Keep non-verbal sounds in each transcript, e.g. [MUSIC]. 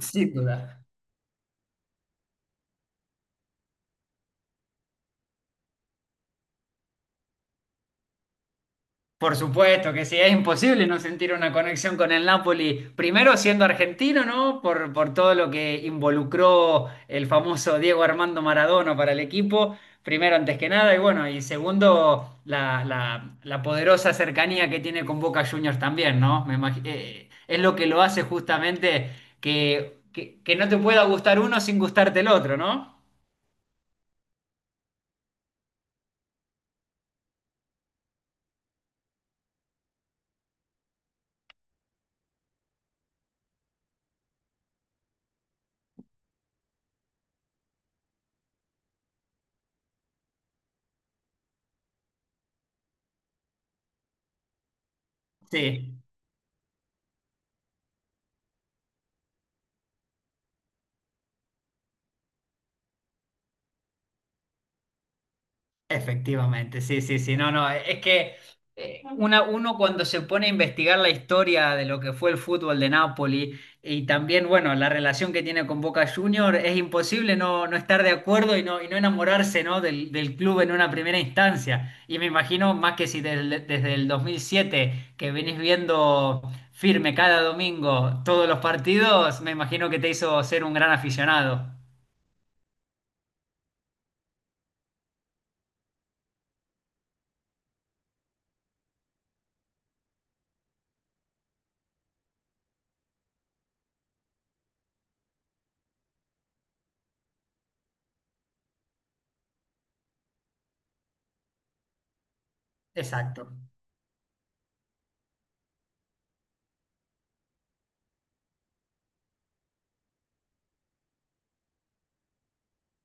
Sin duda. Por supuesto que sí, es imposible no sentir una conexión con el Napoli, primero siendo argentino, ¿no? Por todo lo que involucró el famoso Diego Armando Maradona para el equipo, primero antes que nada, y bueno, y segundo, la poderosa cercanía que tiene con Boca Juniors también, ¿no? Es lo que lo hace justamente que no te pueda gustar uno sin gustarte el otro, ¿no? Sí. Efectivamente, sí, sí, sí, no, no, es que uno cuando se pone a investigar la historia de lo que fue el fútbol de Napoli y también, bueno, la relación que tiene con Boca Juniors, es imposible no estar de acuerdo y no enamorarse, ¿no? del club en una primera instancia. Y me imagino, más que si desde el 2007 que venís viendo firme cada domingo todos los partidos, me imagino que te hizo ser un gran aficionado. Exacto.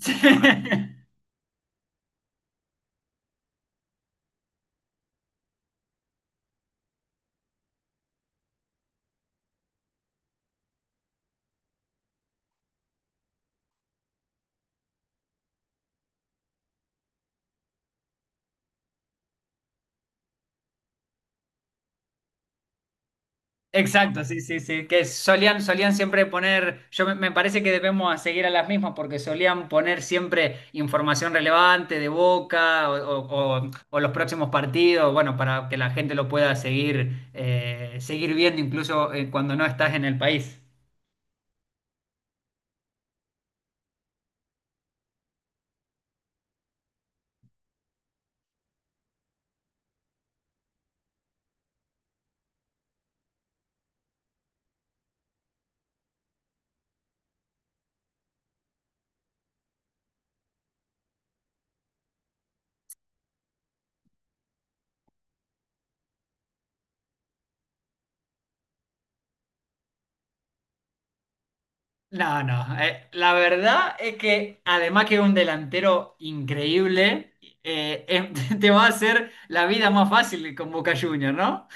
[LAUGHS] Exacto, sí, sí, sí. Que solían siempre poner, yo me parece que debemos a seguir a las mismas porque solían poner siempre información relevante de Boca o o los próximos partidos, bueno, para que la gente lo pueda seguir, seguir viendo incluso cuando no estás en el país. No, no. La verdad es que además que es un delantero increíble, eh, eh, [LAUGHS] te va a hacer la vida más fácil con Boca Juniors, ¿no?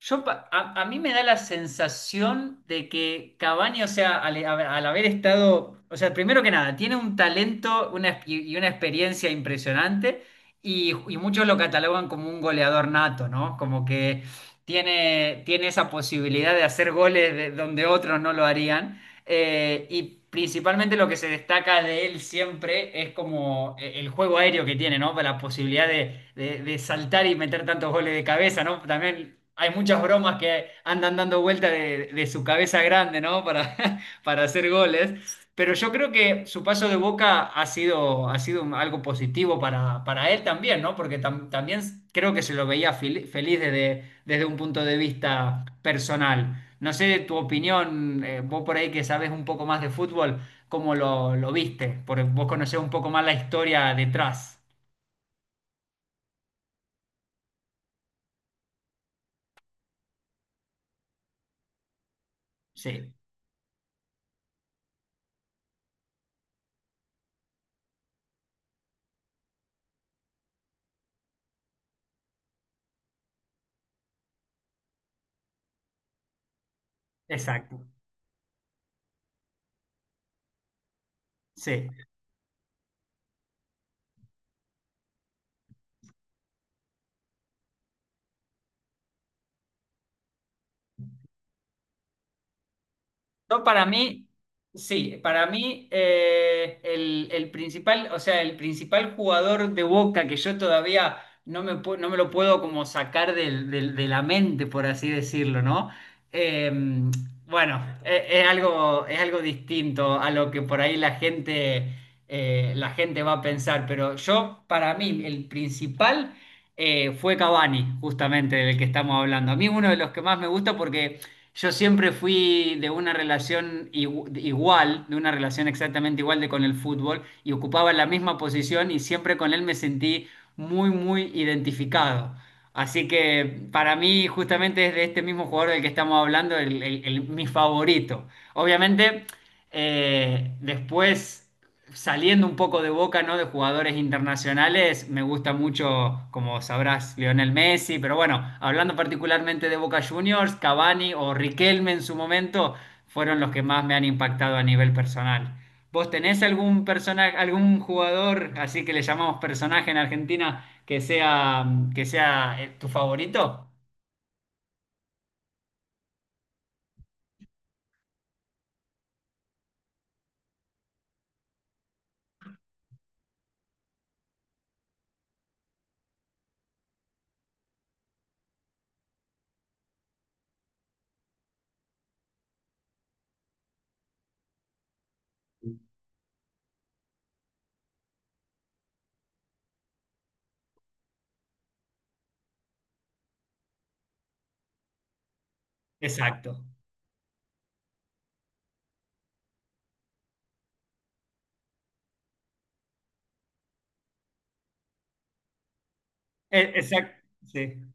Yo, a mí me da la sensación de que Cavani, o sea, al haber estado, o sea, primero que nada, tiene un talento y una experiencia impresionante y muchos lo catalogan como un goleador nato, ¿no? Como que tiene esa posibilidad de hacer goles donde otros no lo harían. Y principalmente lo que se destaca de él siempre es como el juego aéreo que tiene, ¿no? La posibilidad de saltar y meter tantos goles de cabeza, ¿no? También hay muchas bromas que andan dando vuelta de su cabeza grande, ¿no? Para, [LAUGHS] para hacer goles. Pero yo creo que su paso de Boca ha sido algo positivo para él también, ¿no? Porque también creo que se lo veía feliz desde un punto de vista personal. No sé tu opinión, vos por ahí que sabes un poco más de fútbol, ¿cómo lo viste? Porque vos conocés un poco más la historia detrás. Sí, exacto. Sí. No, para mí, sí, para mí el principal, o sea, el principal jugador de Boca que yo todavía no me lo puedo como sacar de la mente, por así decirlo, ¿no? Eh, es algo distinto a lo que por ahí la gente va a pensar, pero yo, para mí, el principal fue Cavani, justamente del que estamos hablando. A mí uno de los que más me gusta porque... Yo siempre fui de una relación igual, de una relación exactamente igual de con el fútbol y ocupaba la misma posición y siempre con él me sentí muy, muy identificado. Así que para mí justamente es de este mismo jugador del que estamos hablando, mi favorito. Obviamente, después... Saliendo un poco de Boca, ¿no? De jugadores internacionales, me gusta mucho, como sabrás, Lionel Messi, pero bueno, hablando particularmente de Boca Juniors, Cavani o Riquelme en su momento fueron los que más me han impactado a nivel personal. ¿Vos tenés algún personaje, algún jugador, así que le llamamos personaje en Argentina, que sea tu favorito? Exacto. Exacto. sí.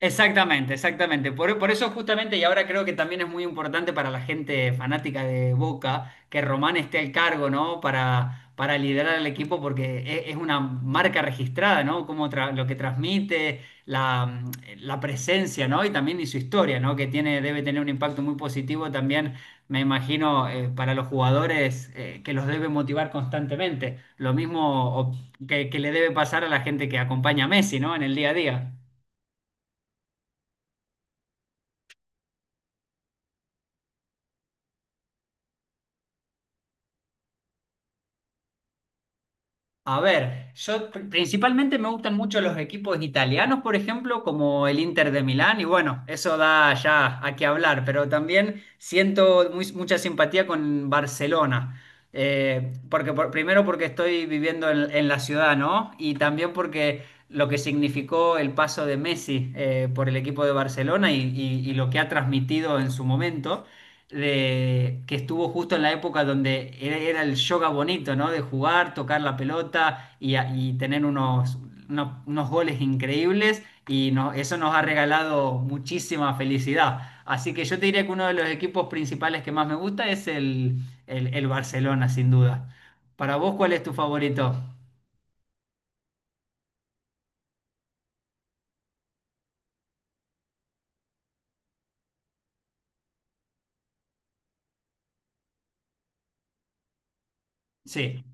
Exactamente, exactamente. Por eso justamente, y ahora creo que también es muy importante para la gente fanática de Boca, que Román esté al cargo, ¿no? Para liderar el equipo, porque es una marca registrada, ¿no? Como lo que transmite, la presencia, ¿no? Y también y su historia, ¿no? Que tiene, debe tener un impacto muy positivo también, me imagino, para los jugadores, que los debe motivar constantemente. Lo mismo que le debe pasar a la gente que acompaña a Messi, ¿no? En el día a día. A ver, yo principalmente me gustan mucho los equipos italianos, por ejemplo, como el Inter de Milán, y bueno, eso da ya a qué hablar, pero también siento mucha simpatía con Barcelona, primero porque estoy viviendo en la ciudad, ¿no? Y también porque lo que significó el paso de Messi por el equipo de Barcelona y, y lo que ha transmitido en su momento que estuvo justo en la época donde era el yoga bonito, ¿no? De jugar, tocar la pelota y, y tener unos goles increíbles y eso nos ha regalado muchísima felicidad. Así que yo te diría que uno de los equipos principales que más me gusta es el Barcelona, sin duda. Para vos, ¿cuál es tu favorito? Sí,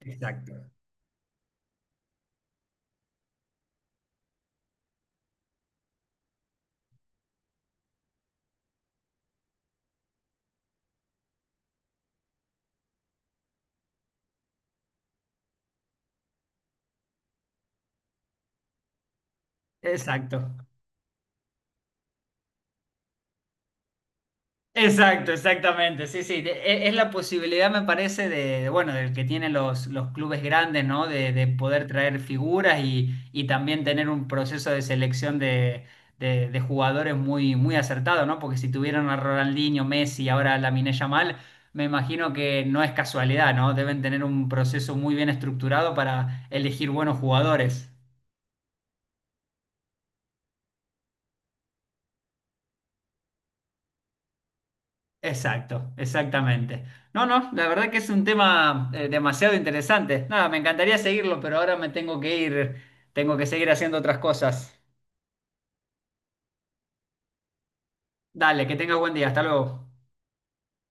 Exacto. exacto. Exacto, exactamente. Sí, sí. Es la posibilidad, me parece, de, bueno, del que tienen los clubes grandes, ¿no? De poder traer figuras y también tener un proceso de selección de jugadores muy, muy acertado, ¿no? Porque si tuvieron a Ronaldinho, Messi y ahora a Lamine Yamal, me imagino que no es casualidad, ¿no? Deben tener un proceso muy bien estructurado para elegir buenos jugadores. Exacto, exactamente. No, no, la verdad que es un tema demasiado interesante. Nada, me encantaría seguirlo, pero ahora me tengo que ir, tengo que seguir haciendo otras cosas. Dale, que tengas buen día, hasta luego.